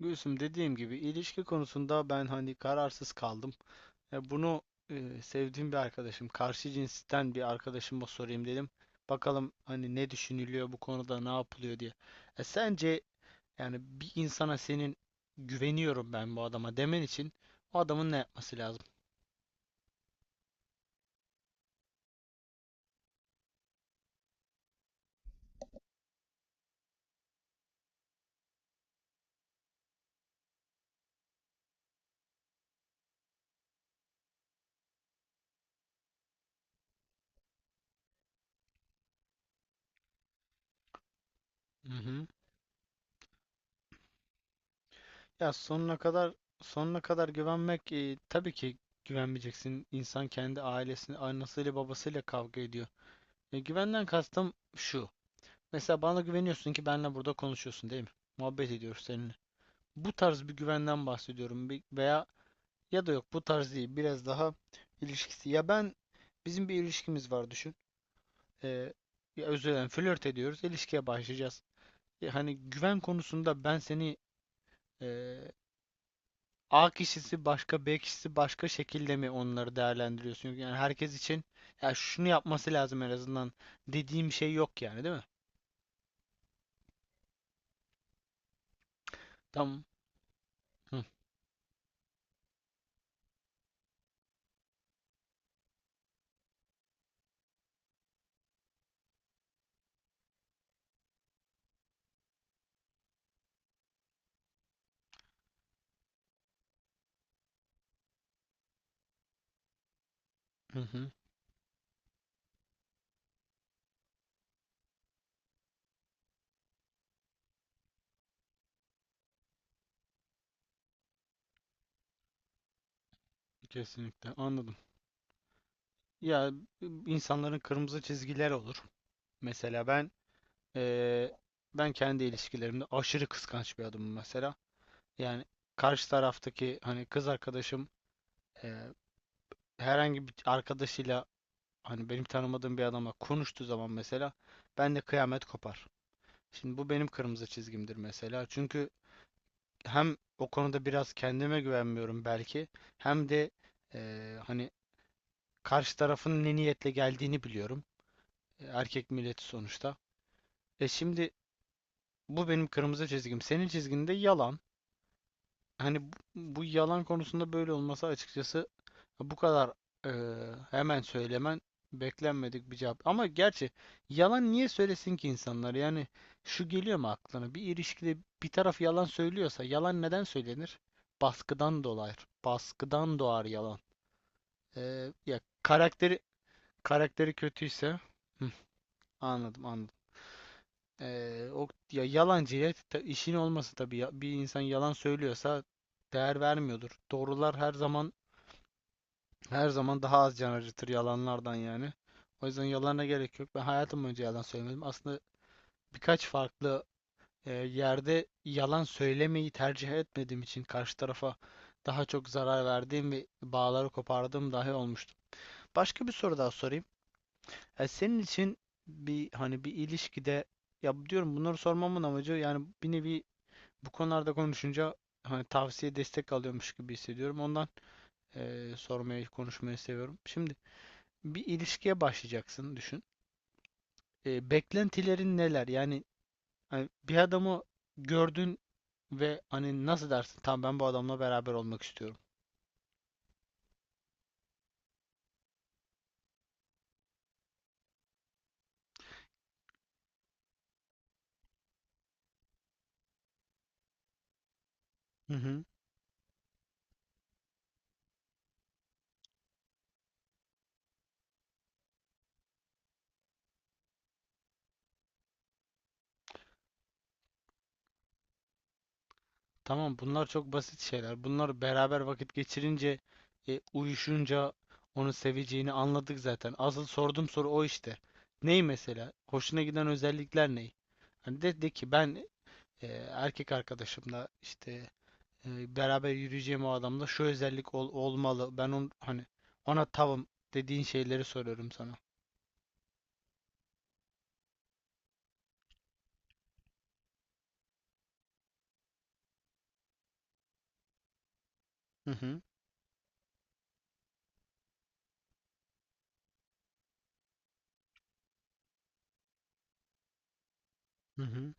Gülsüm, dediğim gibi, ilişki konusunda ben hani kararsız kaldım. E, bunu sevdiğim bir arkadaşım, karşı cinsten bir arkadaşıma sorayım dedim. Bakalım hani ne düşünülüyor bu konuda, ne yapılıyor diye. Sence yani bir insana senin güveniyorum ben bu adama demen için o adamın ne yapması lazım? Hı hı. Ya sonuna kadar güvenmek, tabii ki güvenmeyeceksin. İnsan kendi ailesini, annesiyle babasıyla kavga ediyor. Güvenden kastım şu. Mesela bana güveniyorsun ki benle burada konuşuyorsun değil mi? Muhabbet ediyoruz seninle. Bu tarz bir güvenden bahsediyorum. Bir- veya ya da yok, bu tarz değil, biraz daha ilişkisi. Ya bizim bir ilişkimiz var düşün. Ee, Ya, özür dilerim, flört ediyoruz, ilişkiye başlayacağız. Ya hani güven konusunda e, A kişisi başka, B kişisi başka şekilde mi onları değerlendiriyorsun? Yani herkes için ya şunu yapması lazım en azından dediğim şey yok yani, değil mi? Tamam. Hı hı. Hı. Kesinlikle anladım. Ya, insanların kırmızı çizgiler olur. Mesela eee, ben kendi ilişkilerimde aşırı kıskanç bir adamım mesela. Yani karşı taraftaki hani kız arkadaşım, eee, herhangi bir arkadaşıyla, hani benim tanımadığım bir adamla konuştuğu zaman mesela, ben de kıyamet kopar. Şimdi bu benim kırmızı çizgimdir mesela. Çünkü hem o konuda biraz kendime güvenmiyorum belki, hem de hani karşı tarafın ne niyetle geldiğini biliyorum. Erkek milleti sonuçta. Şimdi, bu benim kırmızı çizgim. Senin çizginde yalan. Hani bu yalan konusunda böyle olması, açıkçası bu kadar hemen söylemen, beklenmedik bir cevap. Ama gerçi yalan niye söylesin ki insanlar? Yani şu geliyor mu aklına? Bir ilişkide bir taraf yalan söylüyorsa yalan neden söylenir? Baskıdan dolayı. Baskıdan doğar yalan. Ya, karakteri kötüyse. Hı, anladım anladım. O ya yalancıya ta- işin olması tabii ya, bir insan yalan söylüyorsa değer vermiyordur. Doğrular her zaman, her zaman daha az can acıtır yalanlardan yani. O yüzden yalana gerek yok. Ben hayatım boyunca yalan söylemedim. Aslında birkaç farklı yerde yalan söylemeyi tercih etmediğim için karşı tarafa daha çok zarar verdiğim ve bağları kopardığım dahi olmuştu. Başka bir soru daha sorayım. Senin için hani bir ilişkide, ya, diyorum bunları sormamın amacı yani bir nevi, bu konularda konuşunca hani tavsiye, destek alıyormuş gibi hissediyorum. Ondan sormayı, konuşmayı seviyorum. Şimdi bir ilişkiye başlayacaksın düşün. Beklentilerin neler? Yani hani bir adamı gördün ve hani nasıl dersin? Tamam, ben bu adamla beraber olmak istiyorum. Hı hı. Tamam, bunlar çok basit şeyler. Bunlar beraber vakit geçirince, uyuşunca onu seveceğini anladık zaten. Asıl sorduğum soru o işte. Ney mesela? Hoşuna giden özellikler ney? Hani de ki ben, e, erkek arkadaşımla işte beraber yürüyeceğim o adamda şu özellik olmalı. Ben hani ona tavım dediğin şeyleri soruyorum sana. Hı hı. Hı hı.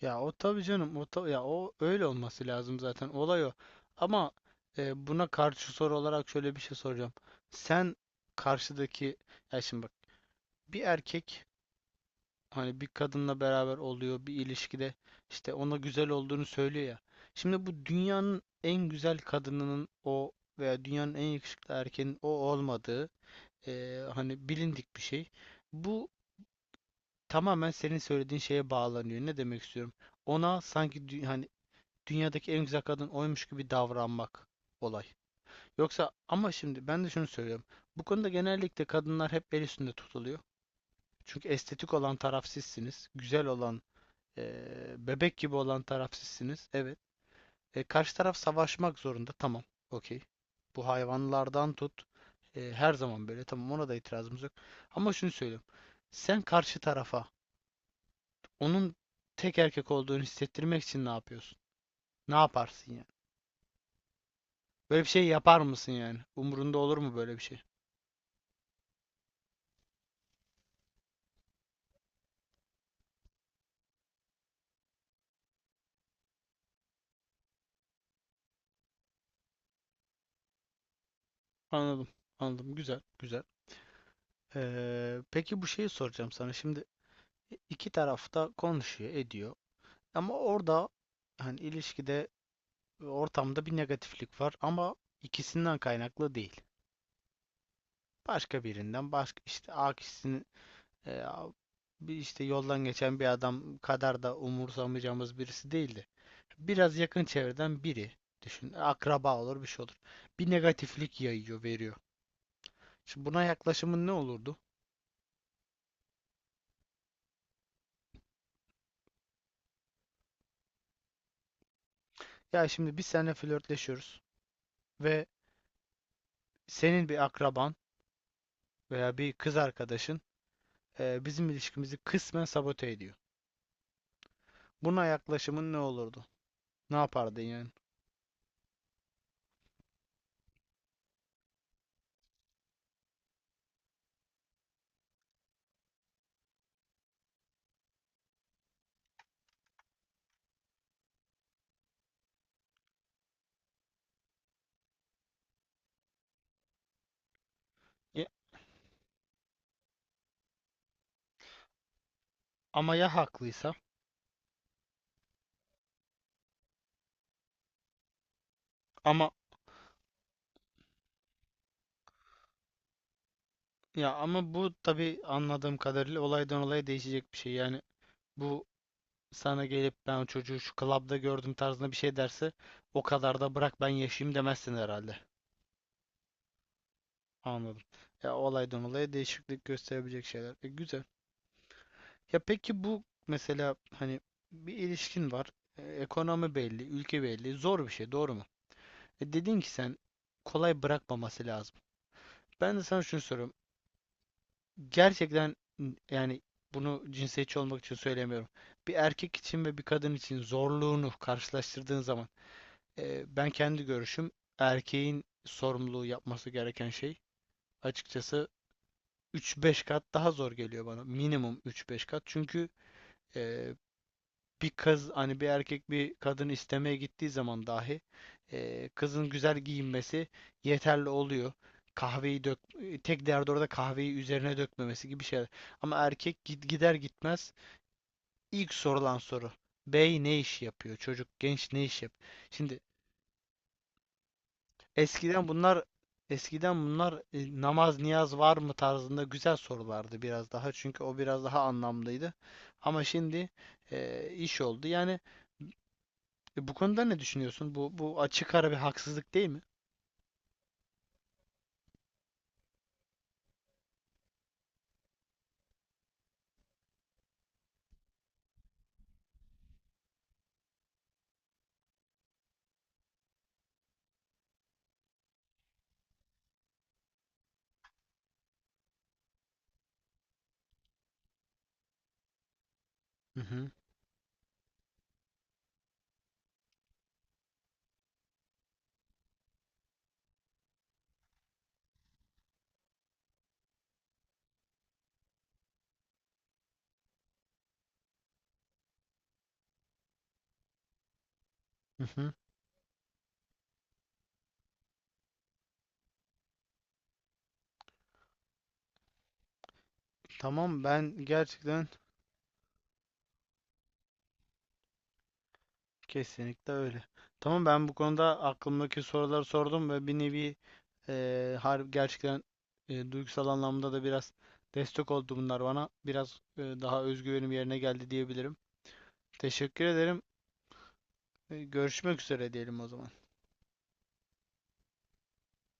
Ya o tabii canım, ya o öyle olması lazım zaten, olay o. Ama buna karşı soru olarak şöyle bir şey soracağım. Sen karşıdaki, ya şimdi bak, bir erkek hani bir kadınla beraber oluyor bir ilişkide, işte ona güzel olduğunu söylüyor ya. Şimdi bu dünyanın en güzel kadınının o veya dünyanın en yakışıklı erkeğinin o olmadığı, hani, bilindik bir şey. Bu tamamen senin söylediğin şeye bağlanıyor. Ne demek istiyorum? Ona sanki dü- hani dünyadaki en güzel kadın oymuş gibi davranmak olay. Yoksa, ama şimdi ben de şunu söylüyorum. Bu konuda genellikle kadınlar hep el üstünde tutuluyor. Çünkü estetik olan taraf sizsiniz. Güzel olan, bebek gibi olan taraf sizsiniz. Evet. Karşı taraf savaşmak zorunda. Tamam. Okey. Bu hayvanlardan tut, her zaman böyle. Tamam, ona da itirazımız yok. Ama şunu söyleyeyim. Sen karşı tarafa onun tek erkek olduğunu hissettirmek için ne yapıyorsun? Ne yaparsın yani? Böyle bir şey yapar mısın yani? Umurunda olur mu böyle bir şey? Anladım. Anladım. Güzel. Güzel. Peki, bu şeyi soracağım sana. Şimdi iki tarafta konuşuyor, ediyor. Ama orada hani ilişkide, ortamda bir negatiflik var ama ikisinden kaynaklı değil. Başka birinden, başka işte A kişisinin, e, bir işte yoldan geçen bir adam kadar da umursamayacağımız birisi değildi. Biraz yakın çevreden biri düşün. Akraba olur, bir şey olur. Bir negatiflik yayıyor, veriyor. Şimdi buna yaklaşımın ne olurdu? Ya şimdi biz seninle flörtleşiyoruz ve senin bir akraban veya bir kız arkadaşın, bizim ilişkimizi kısmen sabote ediyor. Buna yaklaşımın ne olurdu? Ne yapardın yani? E, Ama ya haklıysa? Ama ama bu tabii anladığım kadarıyla olaydan olaya değişecek bir şey. Yani bu sana gelip ben o çocuğu şu klapta gördüm tarzında bir şey derse, o kadar da bırak ben yaşayayım demezsin herhalde. Anladım. Ya olaydan olaya değişiklik gösterebilecek şeyler. Güzel. Ya peki, bu mesela hani bir ilişkin var. Ekonomi belli, ülke belli. Zor bir şey, doğru mu? Dedin ki sen kolay bırakmaması lazım. Ben de sana şunu soruyorum. Gerçekten, yani bunu cinsiyetçi olmak için söylemiyorum. Bir erkek için ve bir kadın için zorluğunu karşılaştırdığın zaman, ben kendi görüşüm, erkeğin sorumluluğu yapması gereken şey açıkçası 3-5 kat daha zor geliyor bana. Minimum 3-5 kat. Çünkü e, bir kız, hani bir erkek bir kadını istemeye gittiği zaman dahi, kızın güzel giyinmesi yeterli oluyor. Kahveyi dök, tek derdi orada kahveyi üzerine dökmemesi gibi şeyler. Ama erkek gid- gider gitmez ilk sorulan soru. Bey ne iş yapıyor? Çocuk genç ne iş yap? Şimdi eskiden bunlar, eskiden bunlar, namaz niyaz var mı tarzında güzel sorulardı biraz daha. Çünkü o biraz daha anlamlıydı. Ama şimdi iş oldu. Yani bu konuda ne düşünüyorsun? Bu açık ara bir haksızlık değil mi? Hı hı. Hı hı. Tamam, ben gerçekten kesinlikle öyle. Tamam, ben bu konuda aklımdaki soruları sordum ve bir nevi harbi, gerçekten, duygusal anlamda da biraz destek oldu bunlar bana. Biraz daha özgüvenim yerine geldi diyebilirim. Teşekkür ederim. Görüşmek üzere diyelim o zaman.